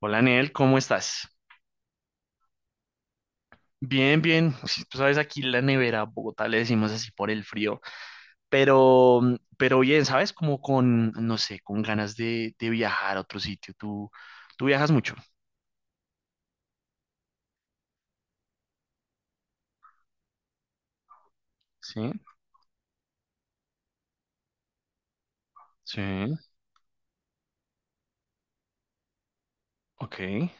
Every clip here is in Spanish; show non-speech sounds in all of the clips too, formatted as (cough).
Hola, Nel, ¿cómo estás? Bien, bien. Sí, tú sabes, aquí la nevera, Bogotá le decimos así por el frío, pero bien, ¿sabes? Como con, no sé, con ganas de viajar a otro sitio. Tú viajas mucho. Sí, sí, ok.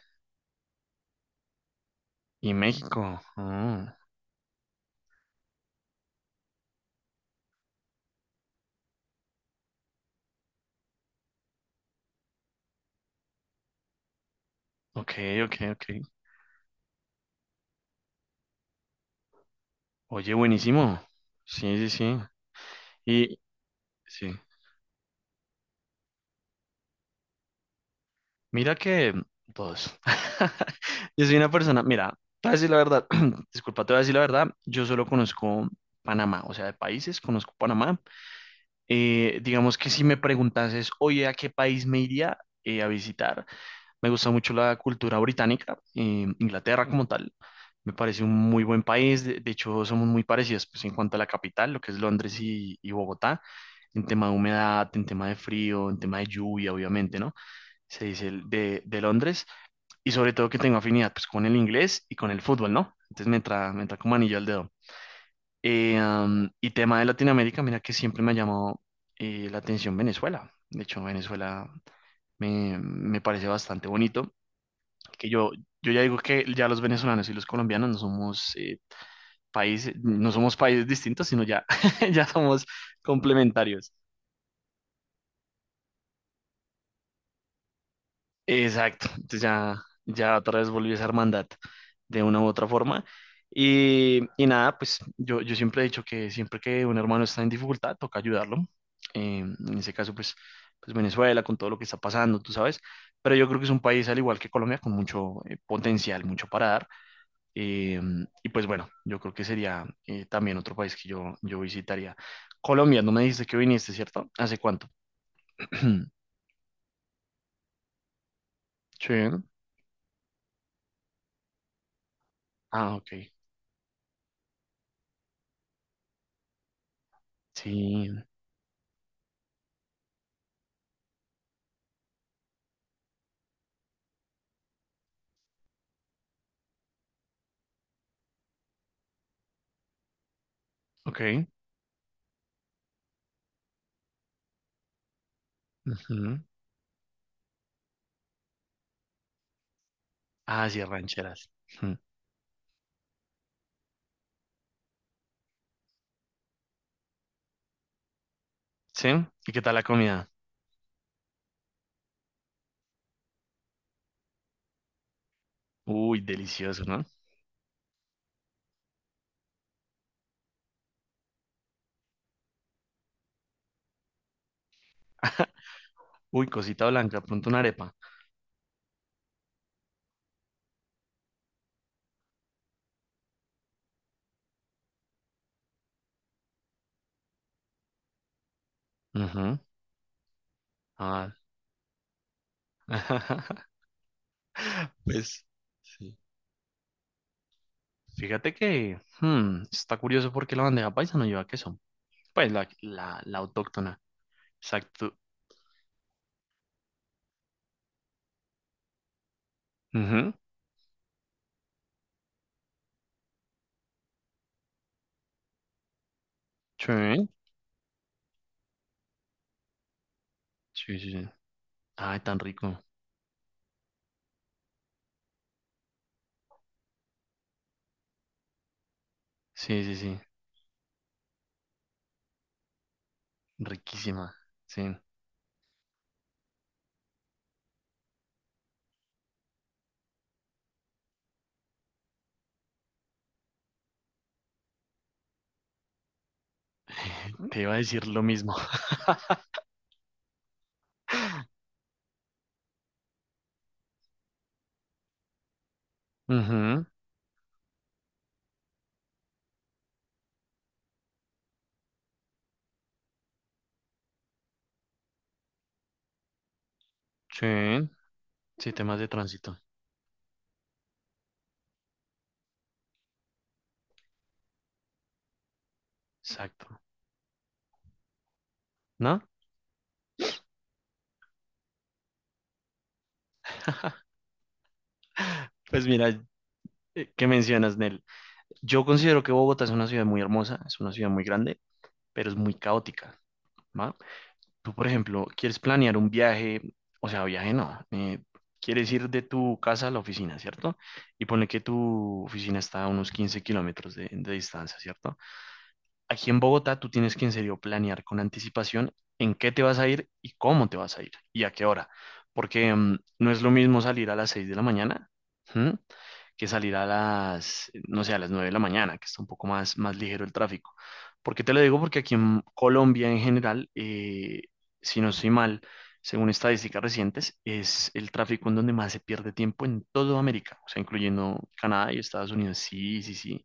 Y México. Ok, ok, ok. Oye, buenísimo. Sí, sí, sí. Y sí. Mira que todos. (laughs) Yo soy una persona, mira, te voy a decir la verdad, (clears throat) disculpa, te voy a decir la verdad, yo solo conozco Panamá, o sea, de países, conozco Panamá. Digamos que si me preguntases, oye, ¿a qué país me iría a visitar? Me gusta mucho la cultura británica, Inglaterra como tal. Me parece un muy buen país, de hecho somos muy parecidos pues, en cuanto a la capital, lo que es Londres y Bogotá, en tema de humedad, en tema de frío, en tema de lluvia, obviamente, ¿no? Se dice el de Londres y sobre todo que tengo afinidad pues con el inglés y con el fútbol, ¿no? Entonces me entra como anillo al dedo. Y tema de Latinoamérica, mira que siempre me ha llamado la atención Venezuela. De hecho, Venezuela me parece bastante bonito. Que yo ya digo que ya los venezolanos y los colombianos no somos países, no somos países distintos, sino ya, (laughs) ya somos complementarios. Exacto, entonces ya otra vez volvió esa hermandad de una u otra forma. Y nada, pues yo siempre he dicho que siempre que un hermano está en dificultad, toca ayudarlo. En ese caso, pues Venezuela, con todo lo que está pasando, tú sabes. Pero yo creo que es un país, al igual que Colombia, con mucho potencial, mucho para dar. Eh, y pues bueno, yo creo que sería también otro país que yo visitaría. Colombia, no me dijiste que viniste, ¿cierto? ¿Hace cuánto? (clears throat) Sí. Ah, ok. Sí, ok. Ujú. Ah, sí, rancheras. Ujú. ¿Sí? ¿Y qué tal la comida? Uy, delicioso, ¿no? Uy, cosita blanca, pronto una arepa. Ujú. Ah, (laughs) pues, sí. Fíjate que está curioso porque la bandeja paisa no lleva queso. Pues la autóctona. Exacto. Ujú. Sí, sí, sí. Sí. Ay, tan rico. Sí, sí, sí. Riquísima. Sí. (laughs) Te iba a decir lo mismo. Ujú. Sí. Sí, temas de tránsito. Exacto. ¿No? Pues mira, ¿qué mencionas, Nel? Yo considero que Bogotá es una ciudad muy hermosa, es una ciudad muy grande, pero es muy caótica, ¿va? Tú, por ejemplo, quieres planear un viaje, o sea, viaje no, quieres ir de tu casa a la oficina, ¿cierto? Y ponle que tu oficina está a unos 15 km de distancia, ¿cierto? Aquí en Bogotá tú tienes que en serio planear con anticipación en qué te vas a ir y cómo te vas a ir y a qué hora. Porque no es lo mismo salir a las 6 de la mañana. ¿M? Que salir a las, no sé, a las 9 de la mañana, que está un poco más, más ligero el tráfico. ¿Por qué te lo digo? Porque aquí en Colombia en general, si no estoy mal, según estadísticas recientes, es el tráfico en donde más se pierde tiempo en toda América, o sea, incluyendo Canadá y Estados Unidos. Sí, sí, sí,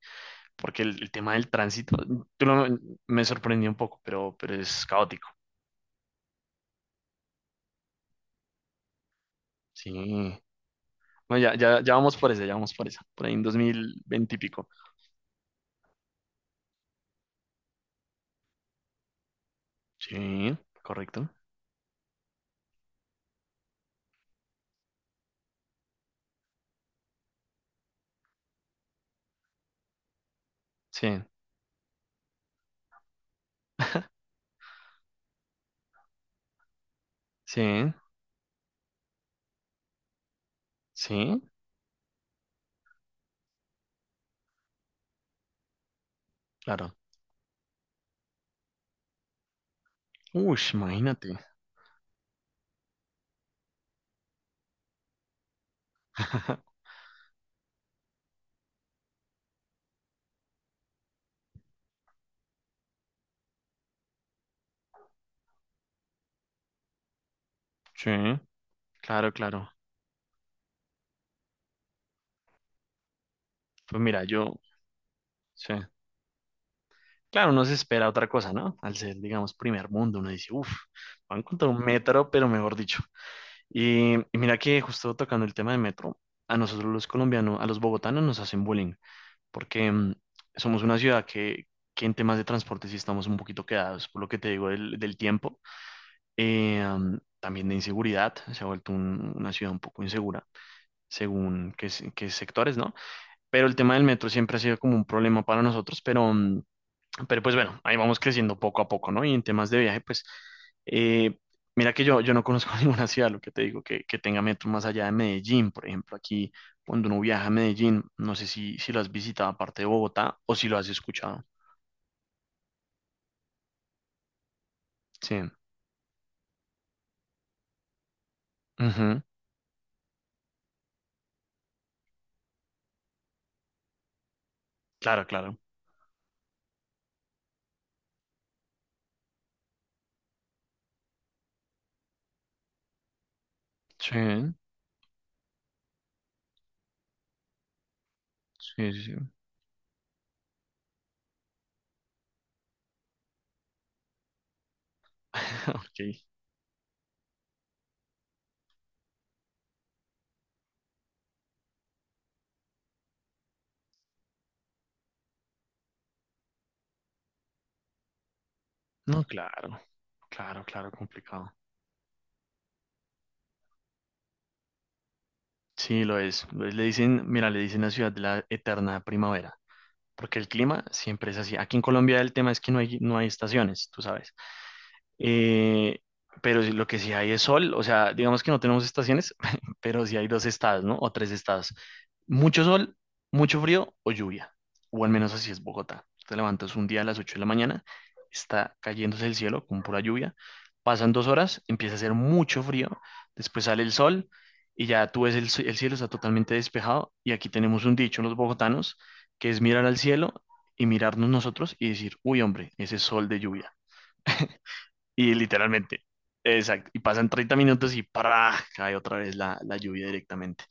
porque el tema del tránsito tú lo- me sorprendió un poco, pero es caótico. Sí. No, ya, ya, ya vamos por esa, ya vamos por esa. Por ahí en 2020 y pico. Sí, correcto. Sí, sí, sí, claro. Uy, imagínate. (laughs) Sí, claro, claro. Pues mira, yo, sí. Claro, uno se espera otra cosa, ¿no? Al ser, digamos, primer mundo, uno dice, uff, van a encontrar un metro, pero mejor dicho. Y mira que justo tocando el tema de metro, a nosotros los colombianos, a los bogotanos nos hacen bullying, porque somos una ciudad que en temas de transporte sí estamos un poquito quedados, por lo que te digo del tiempo. También de inseguridad, se ha vuelto una ciudad un poco insegura, según qué sectores, ¿no? Pero el tema del metro siempre ha sido como un problema para nosotros, pero pues bueno, ahí vamos creciendo poco a poco, ¿no? Y en temas de viaje, pues eh, mira que yo no conozco (laughs) ninguna ciudad, lo que te digo, que tenga metro más allá de Medellín. Por ejemplo, aquí cuando uno viaja a Medellín, no sé si lo has visitado aparte de Bogotá o si lo has escuchado. Sí. Ujú. Claro, claro. Sí, sí, sí. Sí. (laughs) Ok. No, claro. Claro, claro, complicado. Sí, lo es. Lo es. Le dicen, mira, le dicen la ciudad de la eterna primavera. Porque el clima siempre es así. Aquí en Colombia el tema es que no hay estaciones, tú sabes. Eh, pero lo que sí hay es sol, o sea, digamos que no tenemos estaciones, (laughs) pero sí hay dos estados, ¿no? O tres estados. Mucho sol, mucho frío o lluvia. O al menos así es Bogotá. Te levantas un día a las 8 de la mañana, está cayéndose el cielo con pura lluvia. Pasan 2 horas, empieza a hacer mucho frío, después sale el sol y ya tú ves el cielo, está totalmente despejado. Y aquí tenemos un dicho los bogotanos, que es mirar al cielo y mirarnos nosotros y decir, uy, hombre, ese sol de lluvia. Y literalmente, exacto. Y pasan 30 minutos y ¡para! Cae otra vez la lluvia directamente.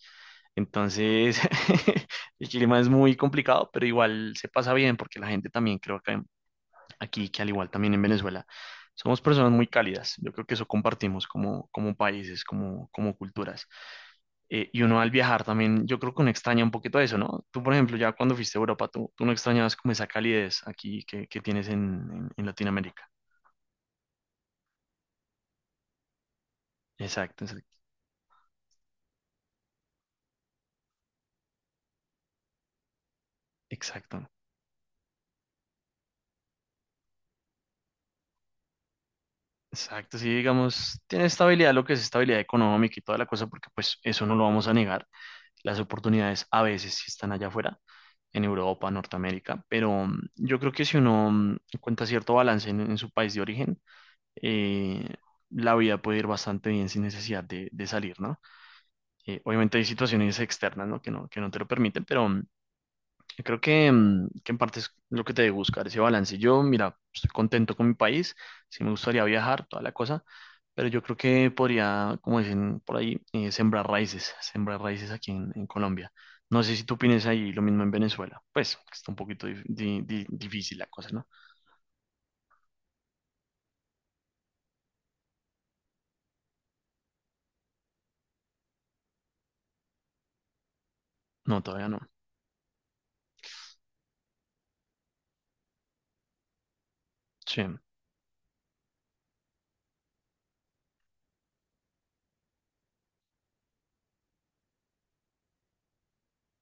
Entonces, (laughs) el clima es muy complicado, pero igual se pasa bien porque la gente también creo que aquí, que al igual también en Venezuela, somos personas muy cálidas. Yo creo que eso compartimos como países, como culturas. Y uno al viajar también, yo creo que uno extraña un poquito eso, ¿no? Tú, por ejemplo, ya cuando fuiste a Europa, tú no extrañabas como esa calidez aquí que tienes en Latinoamérica. Exacto, exacto. Exacto. Exacto, sí, digamos, tiene estabilidad lo que es estabilidad económica y toda la cosa, porque pues eso no lo vamos a negar. Las oportunidades a veces sí están allá afuera, en Europa, Norteamérica, pero yo creo que si uno encuentra cierto balance en su país de origen, eh, la vida puede ir bastante bien sin necesidad de salir, ¿no? Obviamente hay situaciones externas, ¿no? Que no te lo permiten, pero creo que en parte es lo que te debe buscar, ese balance. Yo, mira, estoy contento con mi país, sí me gustaría viajar, toda la cosa, pero yo creo que podría, como dicen por ahí, sembrar raíces aquí en Colombia. No sé si tú opinas ahí lo mismo en Venezuela. Pues está un poquito difícil la cosa, ¿no? No, todavía no. Sí,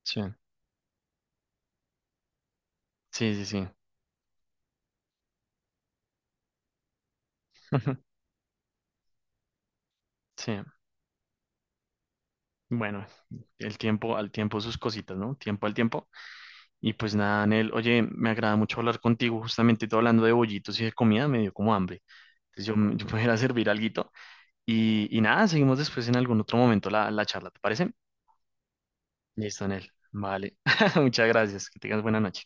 sí, sí, sí, sí. (laughs) Sí, bueno, el tiempo al tiempo sus cositas, ¿no? Tiempo al tiempo. Y pues nada, Anel, oye, me agrada mucho hablar contigo, justamente todo hablando de bollitos y de comida, me dio como hambre. Entonces yo me voy a ir a servir alguito y nada, seguimos después en algún otro momento la charla, ¿te parece? Listo, Anel, vale. (laughs) Muchas gracias, que tengas buena noche.